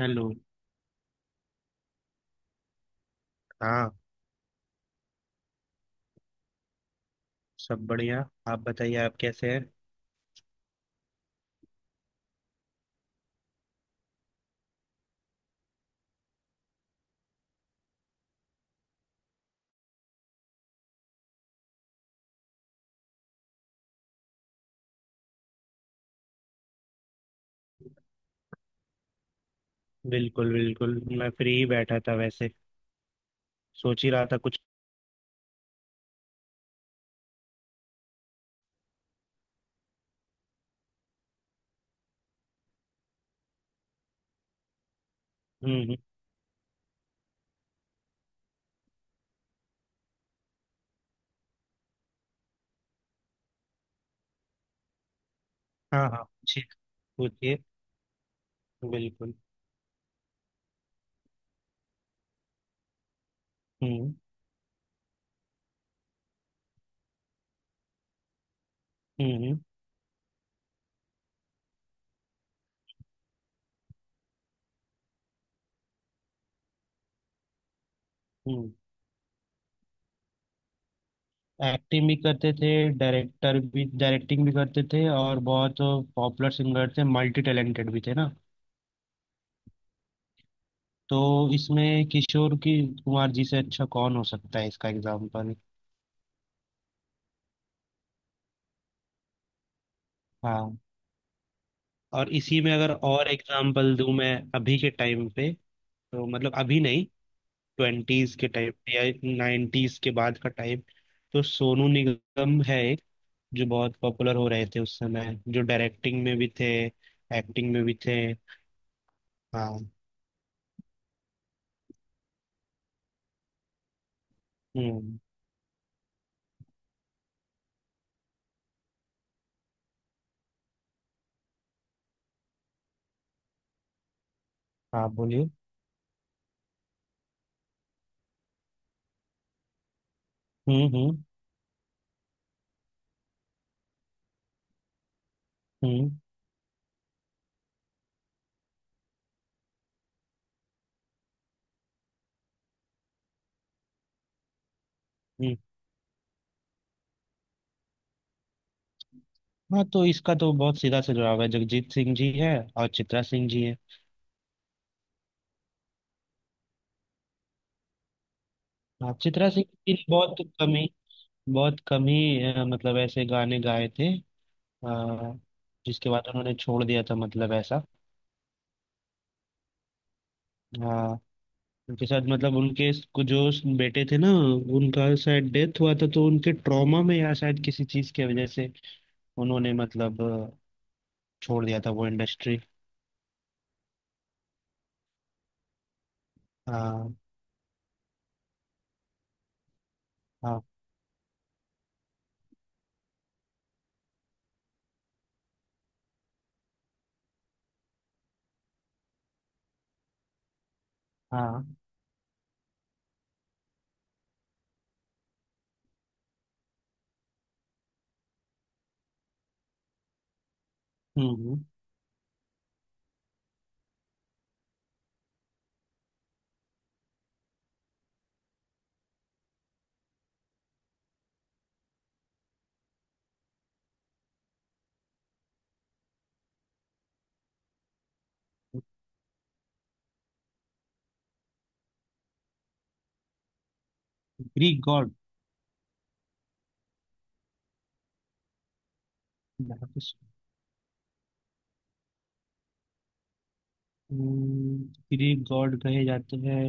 Hello. हाँ। सब बढ़िया। आप बताइए, आप कैसे हैं? बिल्कुल बिल्कुल, मैं फ्री ही बैठा था, वैसे सोच ही रहा था कुछ। हम्म। हाँ हाँ, पूछिए। पूछिए। बिल्कुल। हम्म। हम्म। हम्म। एक्टिंग भी करते थे, डायरेक्टर भी डायरेक्टिंग भी करते थे, और बहुत पॉपुलर सिंगर थे, मल्टी टैलेंटेड भी थे ना। तो इसमें किशोर की कुमार जी से अच्छा कौन हो सकता है इसका एग्जाम्पल? हाँ। और इसी में अगर और एग्जाम्पल दूं मैं अभी के टाइम पे, तो मतलब अभी नहीं, ट्वेंटीज के टाइप या नाइन्टीज के बाद का टाइप, तो सोनू निगम है एक जो बहुत पॉपुलर हो रहे थे उस समय, जो डायरेक्टिंग में भी थे, एक्टिंग में भी थे। हाँ। हम्म। हाँ, बोलिए। हम्म हम्म हम्म हम्म। हाँ, तो इसका तो बहुत सीधा सा जवाब है, जगजीत सिंह जी है और चित्रा सिंह जी है। हाँ, चित्रा सिंह जी ने बहुत कम ही मतलब ऐसे गाने गाए थे, अ, जिसके बाद उन्होंने छोड़ दिया था, मतलब ऐसा। हाँ। उनके साथ मतलब उनके कुछ जो बेटे थे ना, उनका शायद डेथ हुआ था, तो उनके ट्रॉमा में या शायद किसी चीज की वजह से उन्होंने, मतलब, छोड़ दिया था वो इंडस्ट्री। हाँ। हाँ। हाँ। हम्म। Greek god? ग्रीक गॉड कहे जाते हैं?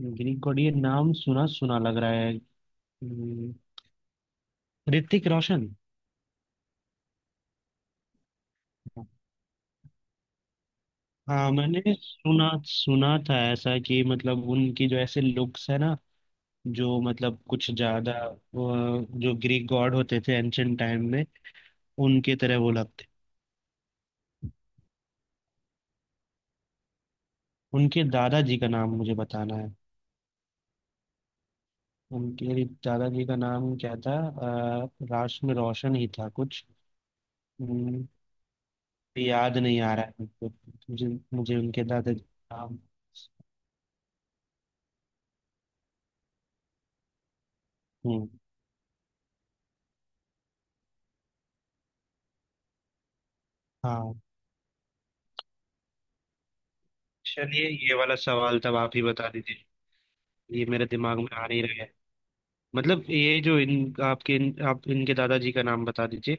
ग्रीक गॉड, ये नाम सुना सुना लग रहा है। हम्म। ऋतिक रोशन। हाँ, मैंने सुना सुना था ऐसा कि मतलब उनकी जो ऐसे लुक्स है ना, जो मतलब कुछ ज्यादा, जो ग्रीक गॉड होते थे एंशंट टाइम में, उनके तरह वो लगते। उनके दादाजी का नाम मुझे बताना है, उनके दादाजी का नाम क्या था? राष्ट्र में रोशन ही था कुछ। हम्म। याद नहीं आ रहा है मुझे, मुझे मुझे उनके दादाजी का नाम। हम्म। हाँ, चलिए, ये वाला सवाल तब आप ही बता दीजिए, ये मेरे दिमाग में आ नहीं रहा है। मतलब ये जो आप इनके दादाजी का नाम बता दीजिए।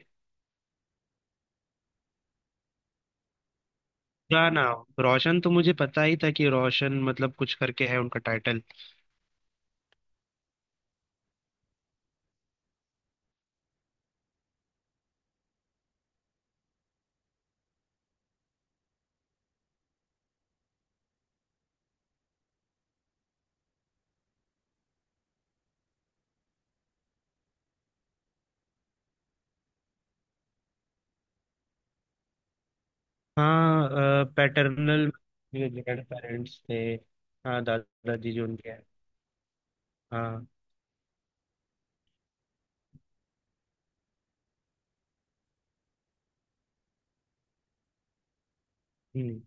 ना ना, रोशन तो मुझे पता ही था कि रोशन मतलब कुछ करके है उनका टाइटल। हाँ। पैटर्नल ग्रैंड पेरेंट्स थे। हाँ, दादाजी जो उनके हैं। हाँ। हम्म।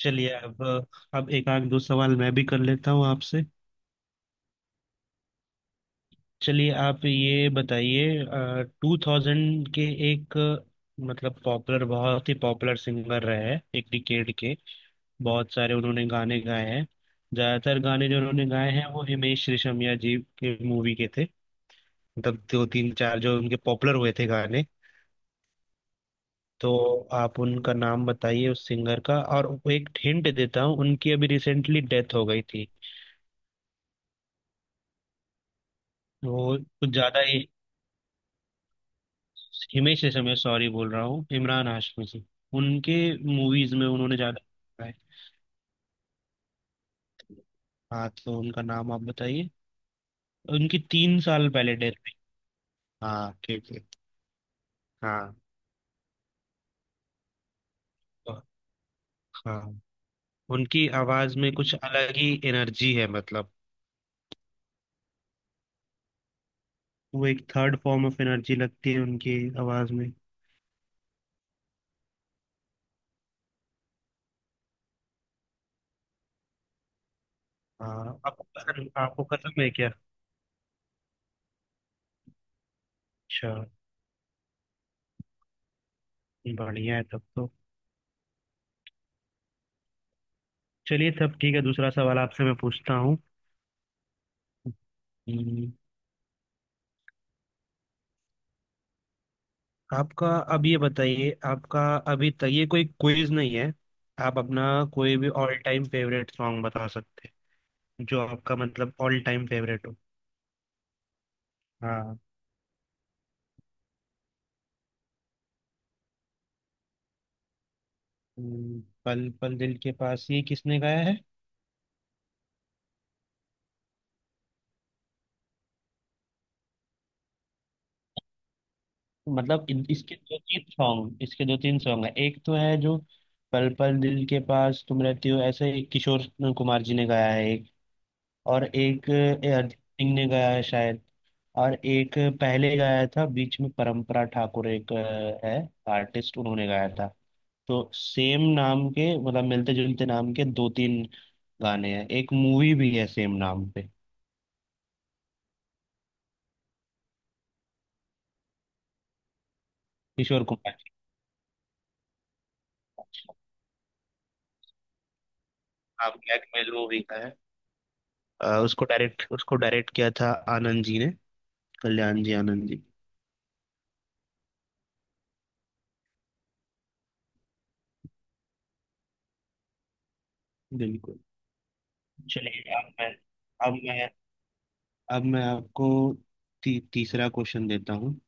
चलिए अब एक आध दो सवाल मैं भी कर लेता हूँ आपसे। चलिए, आप ये बताइए। 2000 के एक, मतलब पॉपुलर, बहुत ही पॉपुलर सिंगर रहे हैं एक डिकेड के, बहुत सारे उन्होंने गाने गाए हैं। ज्यादातर गाने जो उन्होंने गाए हैं वो हिमेश रेशमिया जी के मूवी के थे, मतलब दो तीन चार जो उनके पॉपुलर हुए थे गाने। तो आप उनका नाम बताइए उस सिंगर का, और एक हिंट देता हूँ, उनकी अभी रिसेंटली डेथ हो गई थी। वो कुछ ज्यादा ही हिमेश रेशमिया, मैं सॉरी बोल रहा हूँ, इमरान हाशमी जी उनके मूवीज में उन्होंने ज्यादा। हाँ, तो उनका नाम आप बताइए। उनकी 3 साल पहले डेथ हुई। हाँ, ठीक है। हाँ। तो- हाँ। उनकी आवाज में कुछ अलग ही एनर्जी है, मतलब वो एक थर्ड फॉर्म ऑफ एनर्जी लगती है उनकी आवाज में। हाँ, आपको खत्म है क्या? अच्छा। बढ़िया है तब तो। चलिए, तब ठीक है, दूसरा सवाल आपसे मैं पूछता हूँ। हम्म, आपका अब ये बताइए, आपका, अभी तक ये कोई क्विज नहीं है, आप अपना कोई भी ऑल टाइम फेवरेट सॉन्ग बता सकते हैं जो आपका मतलब ऑल टाइम फेवरेट हो। हाँ। पल पल दिल के पास, ये किसने गाया है? मतलब इसके दो तीन सॉन्ग है। एक तो है जो पल पल दिल के पास तुम रहती हो ऐसे, एक किशोर कुमार जी ने गाया है, एक, और एक अरिजीत सिंह ने गाया है शायद, और एक पहले गाया था बीच में परंपरा ठाकुर एक, है आर्टिस्ट, उन्होंने गाया था। तो सेम नाम के, मतलब मिलते जुलते नाम के दो तीन गाने हैं, एक मूवी भी है सेम नाम पे। किशोर कुमार जी। नाम ब्लैकमेल मूवी का है। उसको डायरेक्ट किया था आनंद जी ने, कल्याण जी आनंद जी। बिल्कुल। चलिए अब मैं, अब मैं अब मैं आपको तीसरा क्वेश्चन देता हूँ,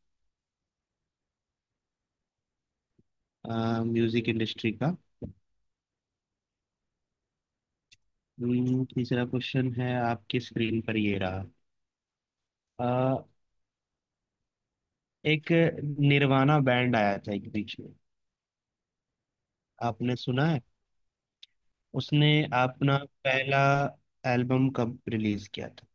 म्यूजिक इंडस्ट्री का। तीसरा क्वेश्चन है, आपकी स्क्रीन पर ये रहा। अ, एक निर्वाणा बैंड आया था एक बीच में, आपने सुना है? उसने अपना पहला एल्बम कब रिलीज किया था?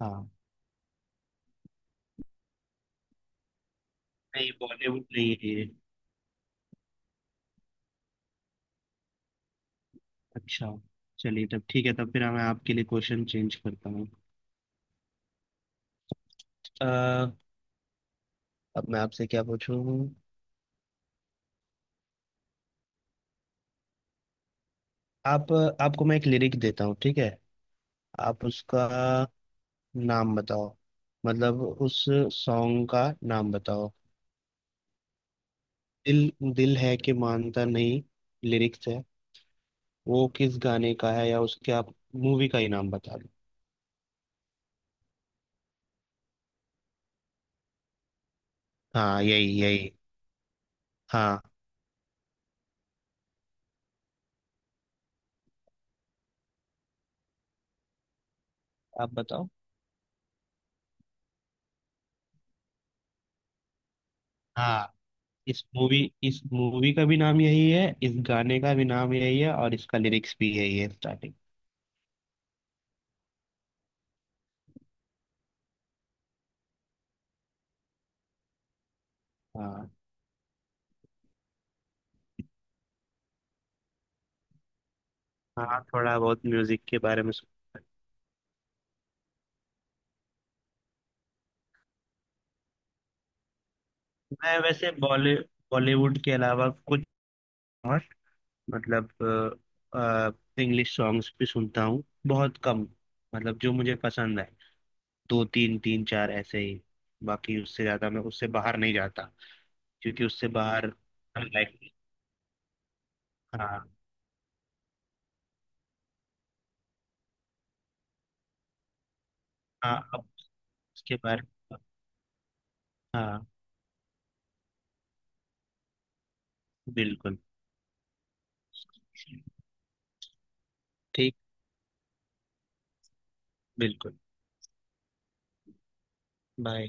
हाँ। नहीं, बॉलीवुड नहीं है ये। अच्छा, चलिए, तब ठीक है, तब फिर मैं आपके लिए क्वेश्चन चेंज करता हूँ। अब मैं आपसे क्या पूछूं? आप आपको मैं एक लिरिक देता हूँ, ठीक है? आप उसका नाम बताओ, मतलब उस सॉन्ग का नाम बताओ। दिल दिल है कि मानता नहीं, लिरिक्स है, वो किस गाने का है, या उसके आप मूवी का ही नाम बता दो। हाँ, यही यही। हाँ, आप बताओ। हाँ, इस मूवी का भी नाम यही है, इस गाने का भी नाम यही है, और इसका लिरिक्स भी यही है स्टार्टिंग। हाँ। हाँ, थोड़ा बहुत म्यूजिक के बारे में। मैं वैसे बॉलीवुड के अलावा कुछ और, मतलब इंग्लिश सॉन्ग्स भी सुनता हूँ बहुत कम, मतलब जो मुझे पसंद है, दो तीन तीन चार ऐसे ही। बाकी उससे ज्यादा मैं, उससे बाहर नहीं जाता, क्योंकि उससे बाहर, लाइक। हाँ। हाँ, अब उसके बाहर। हाँ, बिल्कुल। ठीक। बिल्कुल। बाय।